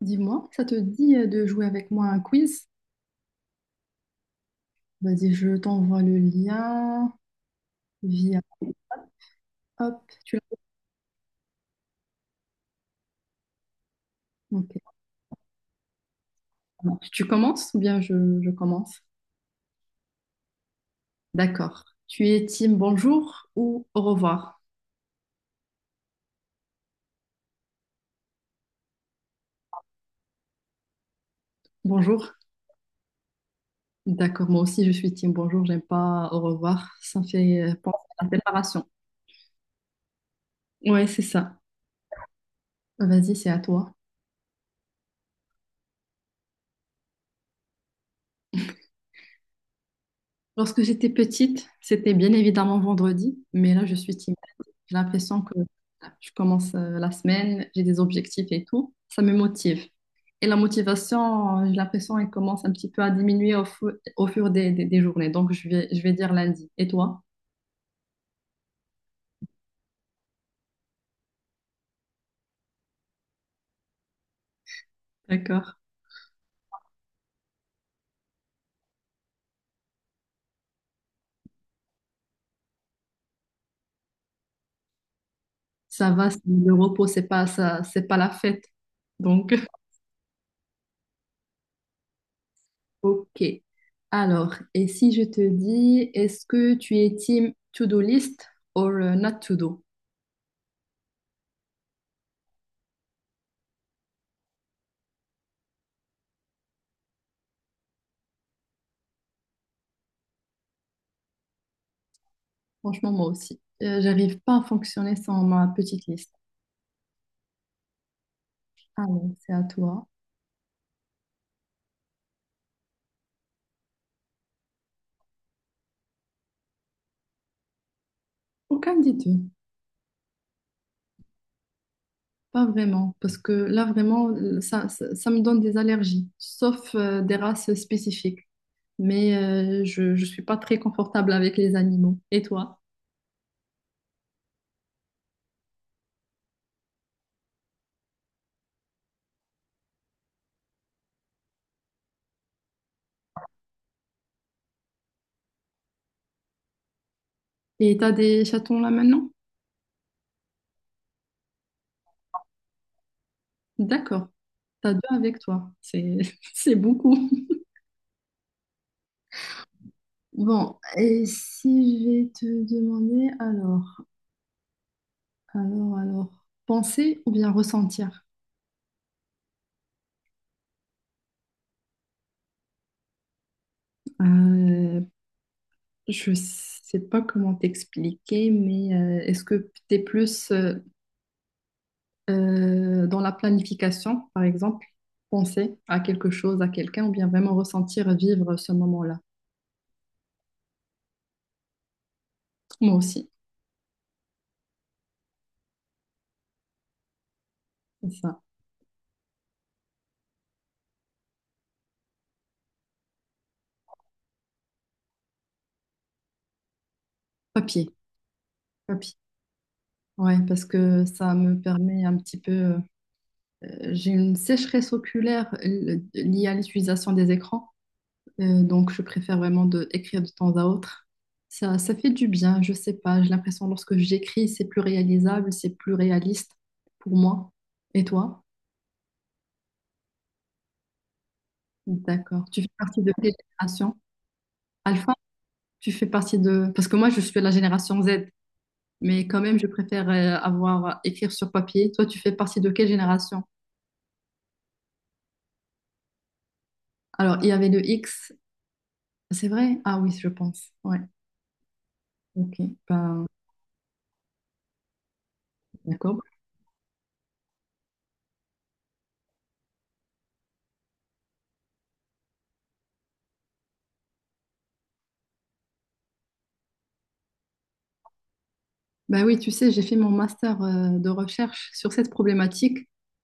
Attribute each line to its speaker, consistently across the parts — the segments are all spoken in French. Speaker 1: Dis-moi, ça te dit de jouer avec moi à un quiz? Vas-y, je t'envoie le lien via... Hop, tu l'as. Ok, ça Tu commences ou bien je commence? D'accord. Tu es team bonjour ou au revoir? Bonjour. D'accord, moi aussi je suis team bonjour, j'aime pas au revoir. Ça me fait penser à la séparation. Ouais, c'est ça. Vas-y, c'est à toi. Lorsque j'étais petite, c'était bien évidemment vendredi, mais là je suis team. J'ai l'impression que je commence la semaine, j'ai des objectifs et tout. Ça me motive. Et la motivation, j'ai l'impression qu'elle commence un petit peu à diminuer au fur des journées. Donc, je vais dire lundi. Et toi? D'accord. Ça va, le repos, c'est pas ça, c'est pas la fête. Donc, ok. Alors, et si je te dis, est-ce que tu es team to-do list ou not to-do? Franchement, moi aussi. J'arrive pas à fonctionner sans ma petite liste. Alors, c'est à toi. Aucun des deux, pas vraiment, parce que là vraiment, ça me donne des allergies, sauf des races spécifiques. Mais je suis pas très confortable avec les animaux. Et toi? Et t'as des chatons là maintenant? D'accord, t'as deux avec toi. C'est, c'est beaucoup. Bon, et si je vais te demander, alors, penser ou bien ressentir? Euh, je sais pas comment t'expliquer, mais est-ce que t'es plus, dans la planification, par exemple, penser à quelque chose, à quelqu'un, ou bien vraiment ressentir, vivre ce moment-là. Moi aussi, c'est ça. Papier, papier. Ouais, parce que ça me permet un petit peu. J'ai une sécheresse oculaire liée à l'utilisation des écrans, donc je préfère vraiment de écrire de temps à autre. Ça fait du bien, je sais pas. J'ai l'impression lorsque j'écris, c'est plus réalisable, c'est plus réaliste pour moi. Et toi? D'accord. Tu fais partie de quelle génération? Tu fais partie de... Parce que moi, je suis de la génération Z, mais quand même, je préfère avoir écrire sur papier. Toi, tu fais partie de quelle génération? Alors, il y avait le X, c'est vrai? Ah oui, je pense. Ouais, ok. Ben, d'accord. Ben oui, tu sais, j'ai fait mon master de recherche sur cette problématique,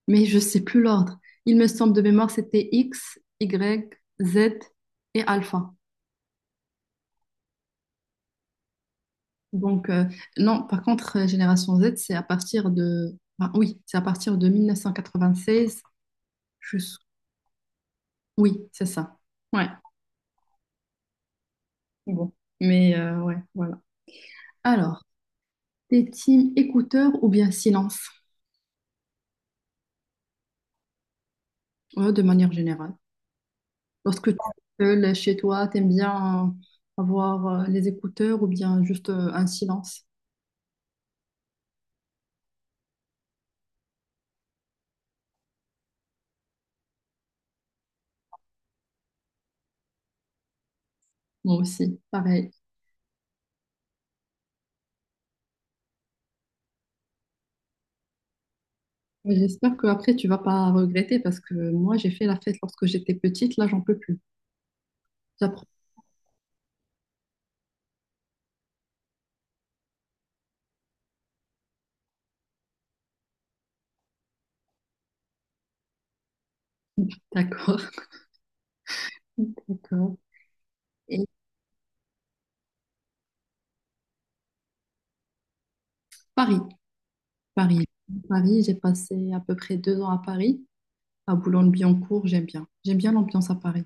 Speaker 1: mais je sais plus l'ordre. Il me semble de mémoire, c'était X, Y, Z et alpha. Donc, non, par contre, génération Z, c'est à partir de... ben oui, c'est à partir de 1996 je Oui, c'est ça. Ouais. Bon. Mais ouais, voilà. Alors, t'es team écouteur ou bien silence, ouais, de manière générale. Lorsque tu es seul chez toi, t'aimes bien avoir les écouteurs ou bien juste un silence. Moi aussi, pareil. Mais j'espère que après tu vas pas regretter parce que moi j'ai fait la fête lorsque j'étais petite, là j'en peux plus. J'apprends. D'accord. D'accord. Et Paris, Paris, Paris. J'ai passé à peu près deux ans à Paris. À Boulogne-Billancourt, j'aime bien. J'aime bien l'ambiance à Paris.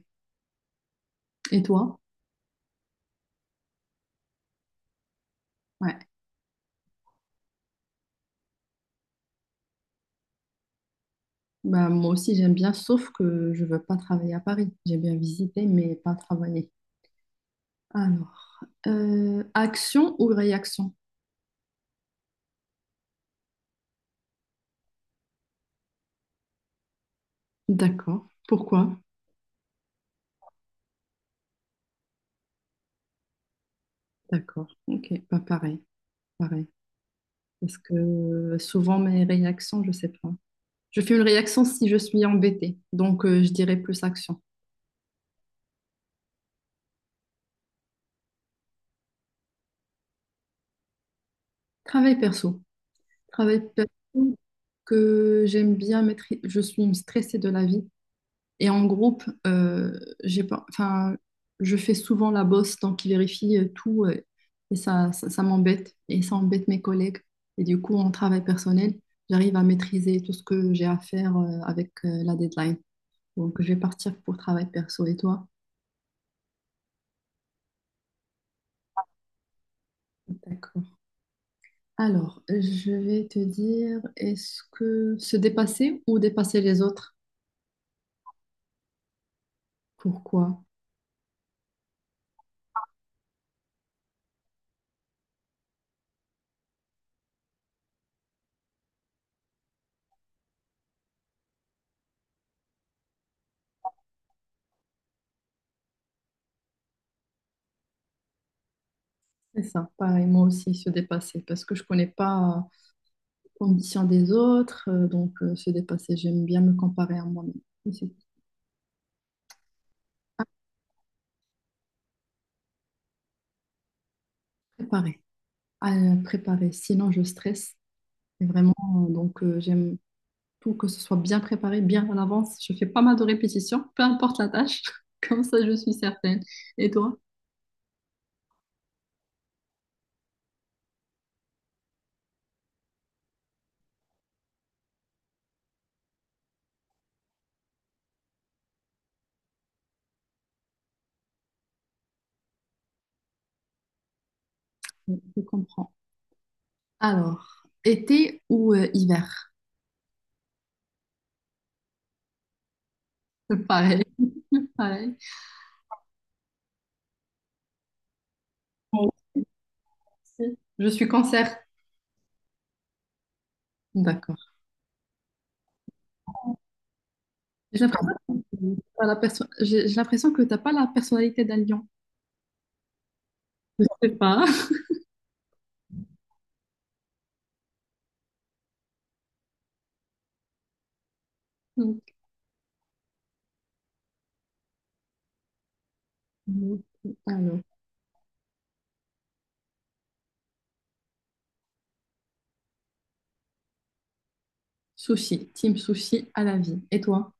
Speaker 1: Et toi? Ouais. Bah, moi aussi, j'aime bien, sauf que je veux pas travailler à Paris. J'aime bien visiter, mais pas travailler. Alors, action ou réaction? D'accord. Pourquoi? D'accord. Ok. Pas pareil. Pareil. Parce que souvent, mes réactions, je sais pas. Je fais une réaction si je suis embêtée. Donc, je dirais plus action. Travail perso. Travail perso que j'aime bien maîtriser. Je suis une stressée de la vie. Et en groupe, j'ai pas, enfin, je fais souvent la bosse, donc ils vérifient tout et ça m'embête et ça embête mes collègues. Et du coup, en travail personnel, j'arrive à maîtriser tout ce que j'ai à faire avec la deadline. Donc, je vais partir pour travail perso. Et toi? D'accord. Alors, je vais te dire, est-ce que se dépasser ou dépasser les autres? Pourquoi? C'est ça, pareil, moi aussi, se dépasser, parce que je connais pas. Ambition des autres. Donc, se dépasser, j'aime bien me comparer à moi-même. Mais c'est préparer, à préparer. Sinon, je stresse. Et vraiment, donc, j'aime tout que ce soit bien préparé, bien à l'avance. Je fais pas mal de répétitions, peu importe la tâche. Comme ça, je suis certaine. Et toi? Je comprends. Alors, été ou hiver? Pareil, pareil. Ouais. Je suis cancer. D'accord. J'ai l'impression j'ai l'impression que t'as pas la personnalité d'un lion. Je sais pas. Mhm. Alors, sushi, team sushi à la vie. Et toi,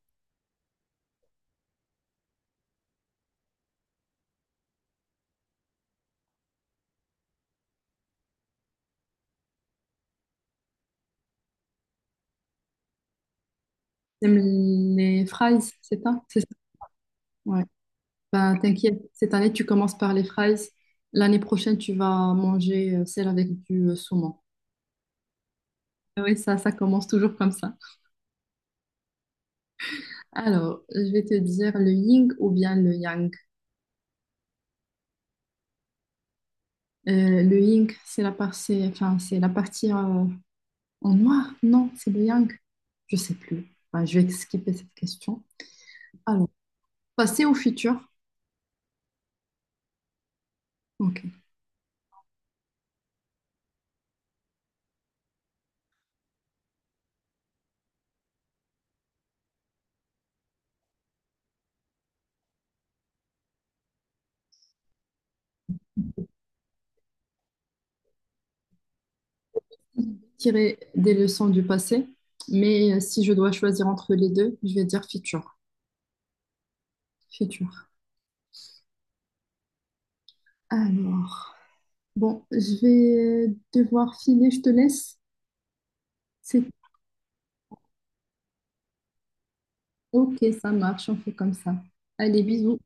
Speaker 1: t'aimes les fries, c'est ça? C'est ça. Ouais. Bah, t'inquiète, cette année, tu commences par les fries. L'année prochaine, tu vas manger celle avec du saumon. Ah oui, ça commence toujours comme ça. Alors, je vais te dire le yin ou bien le yang. Le yin, c'est la partie, enfin, c'est la partie en noir. Non, c'est le yang. Je sais plus. Enfin, je vais skipper cette question. Alors, passer au futur. Ok. Tirer des leçons du passé, mais si je dois choisir entre les deux, je vais dire futur. Futur. Alors, bon, je vais devoir filer, je te laisse. C'est ok, ça marche, on fait comme ça. Allez, bisous.